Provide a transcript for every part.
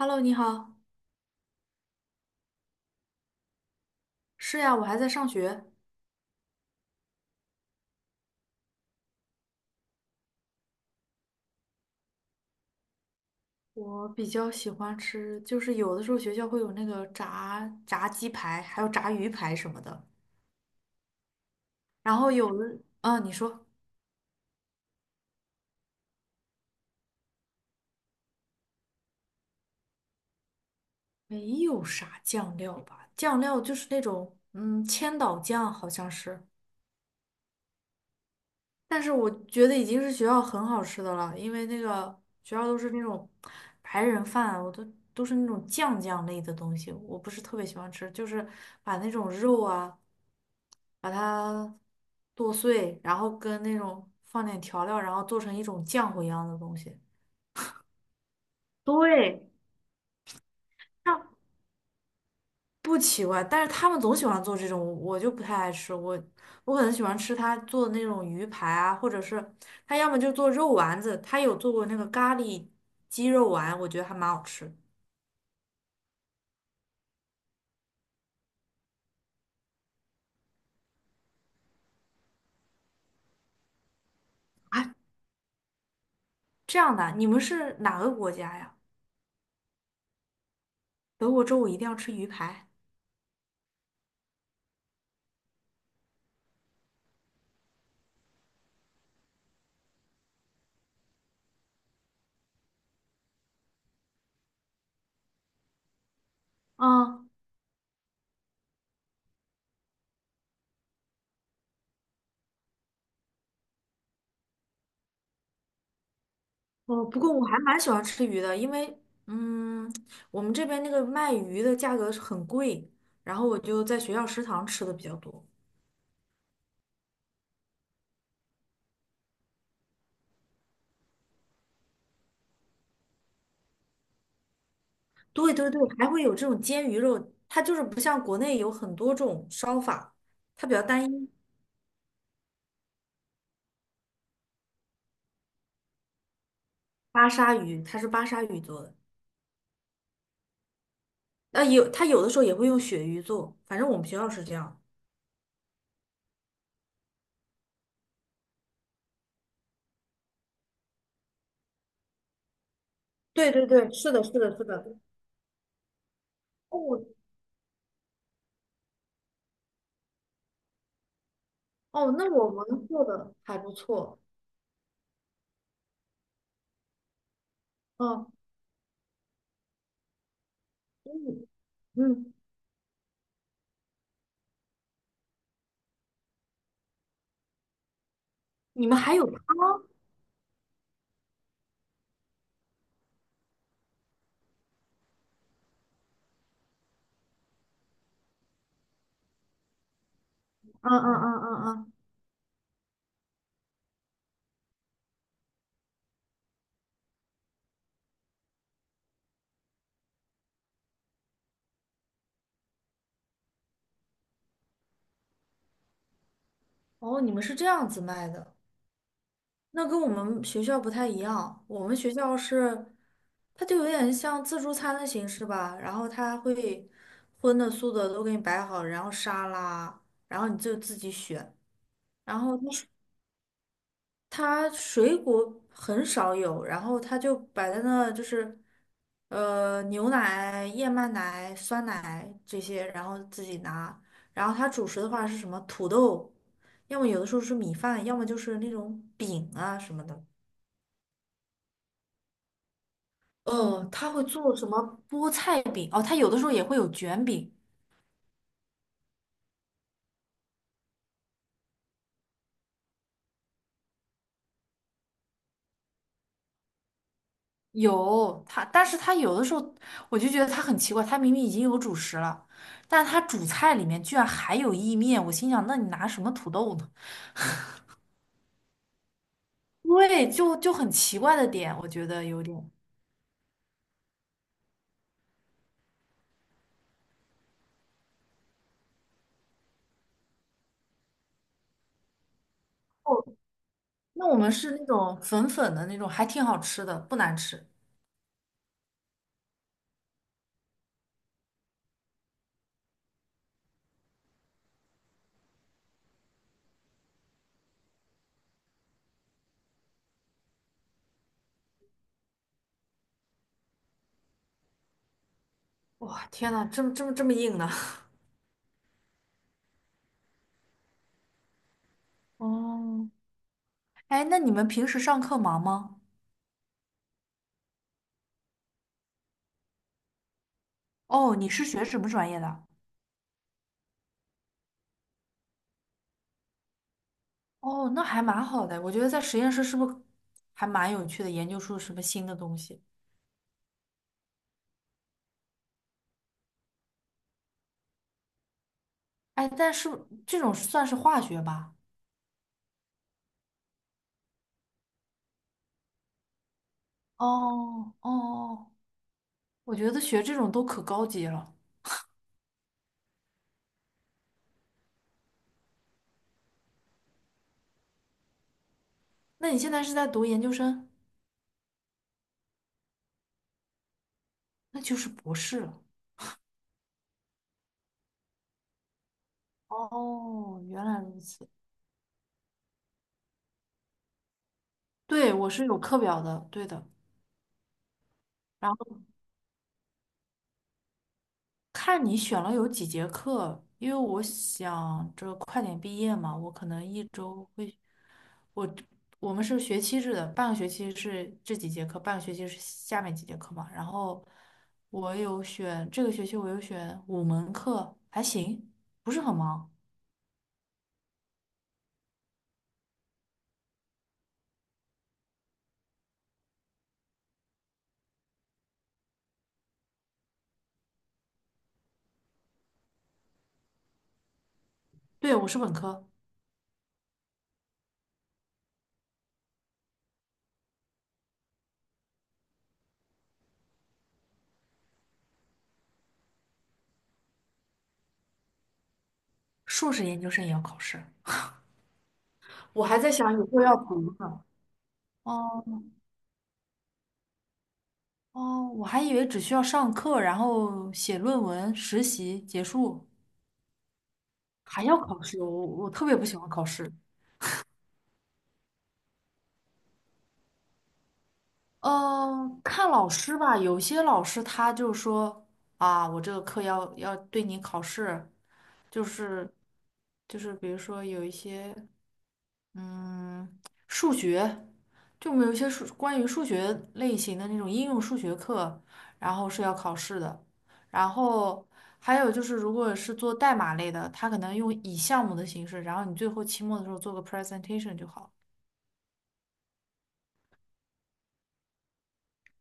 Hello，你好。是呀，我还在上学。我比较喜欢吃，就是有的时候学校会有那个炸鸡排，还有炸鱼排什么的。然后有的，啊，你说没有啥酱料吧？酱料就是那种，千岛酱好像是。但是我觉得已经是学校很好吃的了，因为那个学校都是那种白人饭，我都是那种酱类的东西，我不是特别喜欢吃，就是把那种肉啊。把它剁碎，然后跟那种放点调料，然后做成一种浆糊一样的东西。对，这不奇怪，但是他们总喜欢做这种，我就不太爱吃。我可能喜欢吃他做的那种鱼排啊，或者是他要么就做肉丸子，他有做过那个咖喱鸡肉丸，我觉得还蛮好吃。啊，这样的，你们是哪个国家呀？德国周五一定要吃鱼排？嗯。哦，不过我还蛮喜欢吃鱼的，因为嗯，我们这边那个卖鱼的价格是很贵，然后我就在学校食堂吃的比较多。对对对，还会有这种煎鱼肉，它就是不像国内有很多种烧法，它比较单一。巴沙鱼，它是巴沙鱼做的，它有的时候也会用鳕鱼做，反正我们学校是这样。对对对，是的，是的，是的。哦哦，那我们做的还不错。哦，嗯嗯，你们还有汤？嗯嗯嗯嗯嗯。啊哦，你们是这样子卖的，那跟我们学校不太一样。我们学校是，它就有点像自助餐的形式吧，然后它会荤的素的都给你摆好，然后沙拉，然后你就自己选。然后它水果很少有，然后它就摆在那，就是牛奶、燕麦奶、酸奶这些，然后自己拿。然后它主食的话是什么？土豆，要么有的时候是米饭，要么就是那种饼啊什么的。哦，他会做什么菠菜饼？哦，他有的时候也会有卷饼，有他，但是他有的时候我就觉得他很奇怪，他明明已经有主食了，但他主菜里面居然还有意面，我心想，那你拿什么土豆呢？对，就很奇怪的点，我觉得有点。哦，那我们是那种粉粉的那种，还挺好吃的，不难吃。哇，天呐，这么这么这么硬呢？哦，哎，那你们平时上课忙吗？哦，你是学什么专业的？哦，那还蛮好的，我觉得在实验室是不是还蛮有趣的，研究出什么新的东西？哎，但是这种算是化学吧？哦哦哦，我觉得学这种都可高级了。那你现在是在读研究生？那就是博士了。哦，原来如此。对，我是有课表的，对的。然后看你选了有几节课，因为我想着快点毕业嘛，我可能一周会，我我们是学期制的，半个学期是这几节课，半个学期是下面几节课嘛。然后我有选这个学期，我有选5门课，还行，不是很忙。对，我是本科，硕士研究生也要考试，我还在想以后要读呢。哦，哦，我还以为只需要上课，然后写论文、实习结束，还要考试。我特别不喜欢考试。嗯，看老师吧，有些老师他就说啊，我这个课要对你考试，就是就是比如说有一些。嗯，数学，就我们有一些关于数学类型的那种应用数学课，然后是要考试的。然后还有就是，如果是做代码类的，它可能用以项目的形式，然后你最后期末的时候做个 presentation 就好。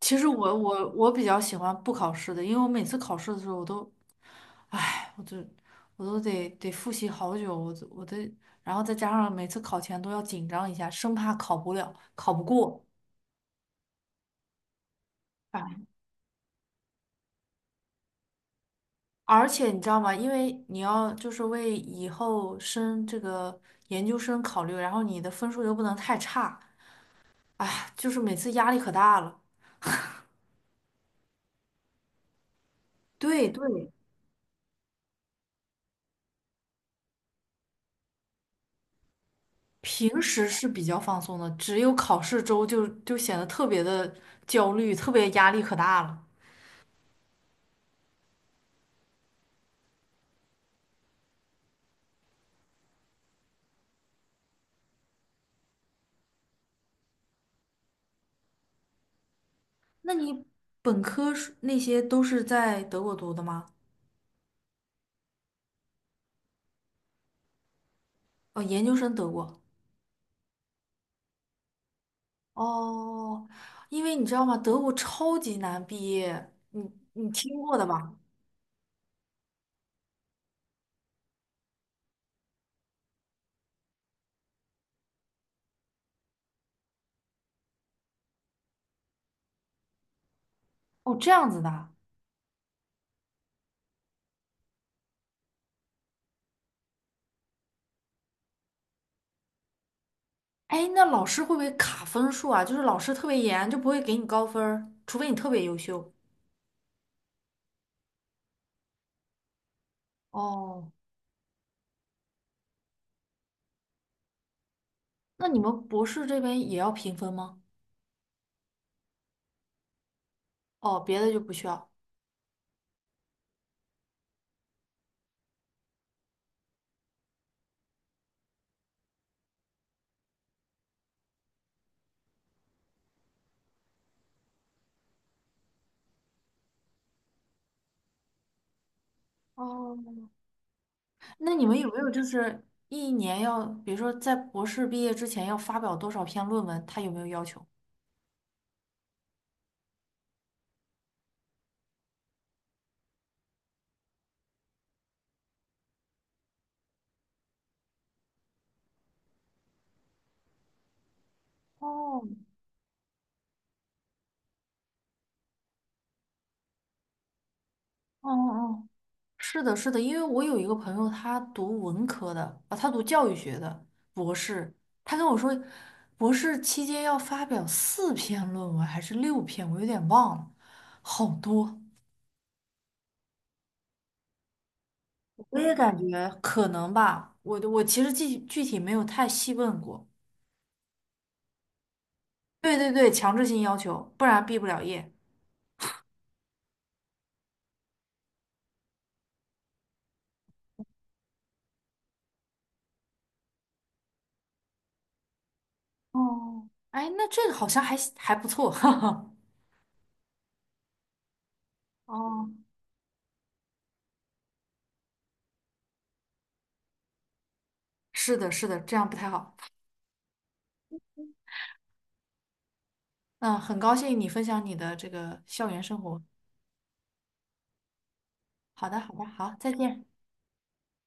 其实我比较喜欢不考试的，因为我每次考试的时候，我都，唉，我都得复习好久，我都然后再加上每次考前都要紧张一下，生怕考不了，考不过。而且你知道吗？因为你要就是为以后升这个研究生考虑，然后你的分数又不能太差，就是每次压力可大了。对对，平时是比较放松的，只有考试周就显得特别的焦虑，特别压力可大了。那你本科是都是在德国读的吗？哦，研究生德国。哦，因为你知道吗？德国超级难毕业，你听过的吧？哦，这样子的。哎，那老师会不会卡分数啊？就是老师特别严，就不会给你高分儿除非你特别优秀。哦，那你们博士这边也要评分吗？哦，别的就不需要。哦，那你们有没有就是一年要，比如说在博士毕业之前要发表多少篇论文？他有没有要求？哦，哦哦，是的，是的，因为我有一个朋友，他读文科的啊，他读教育学的博士，他跟我说，博士期间要发表4篇论文还是6篇，我有点忘了，好多。我也感觉可能吧，我其实具体没有太细问过。对对对，强制性要求，不然毕不了业。哦，哎，那这个好像还不错，哈哈。哦，是的，是的，这样不太好。嗯，很高兴你分享你的这个校园生活。好的，好的，好，再见。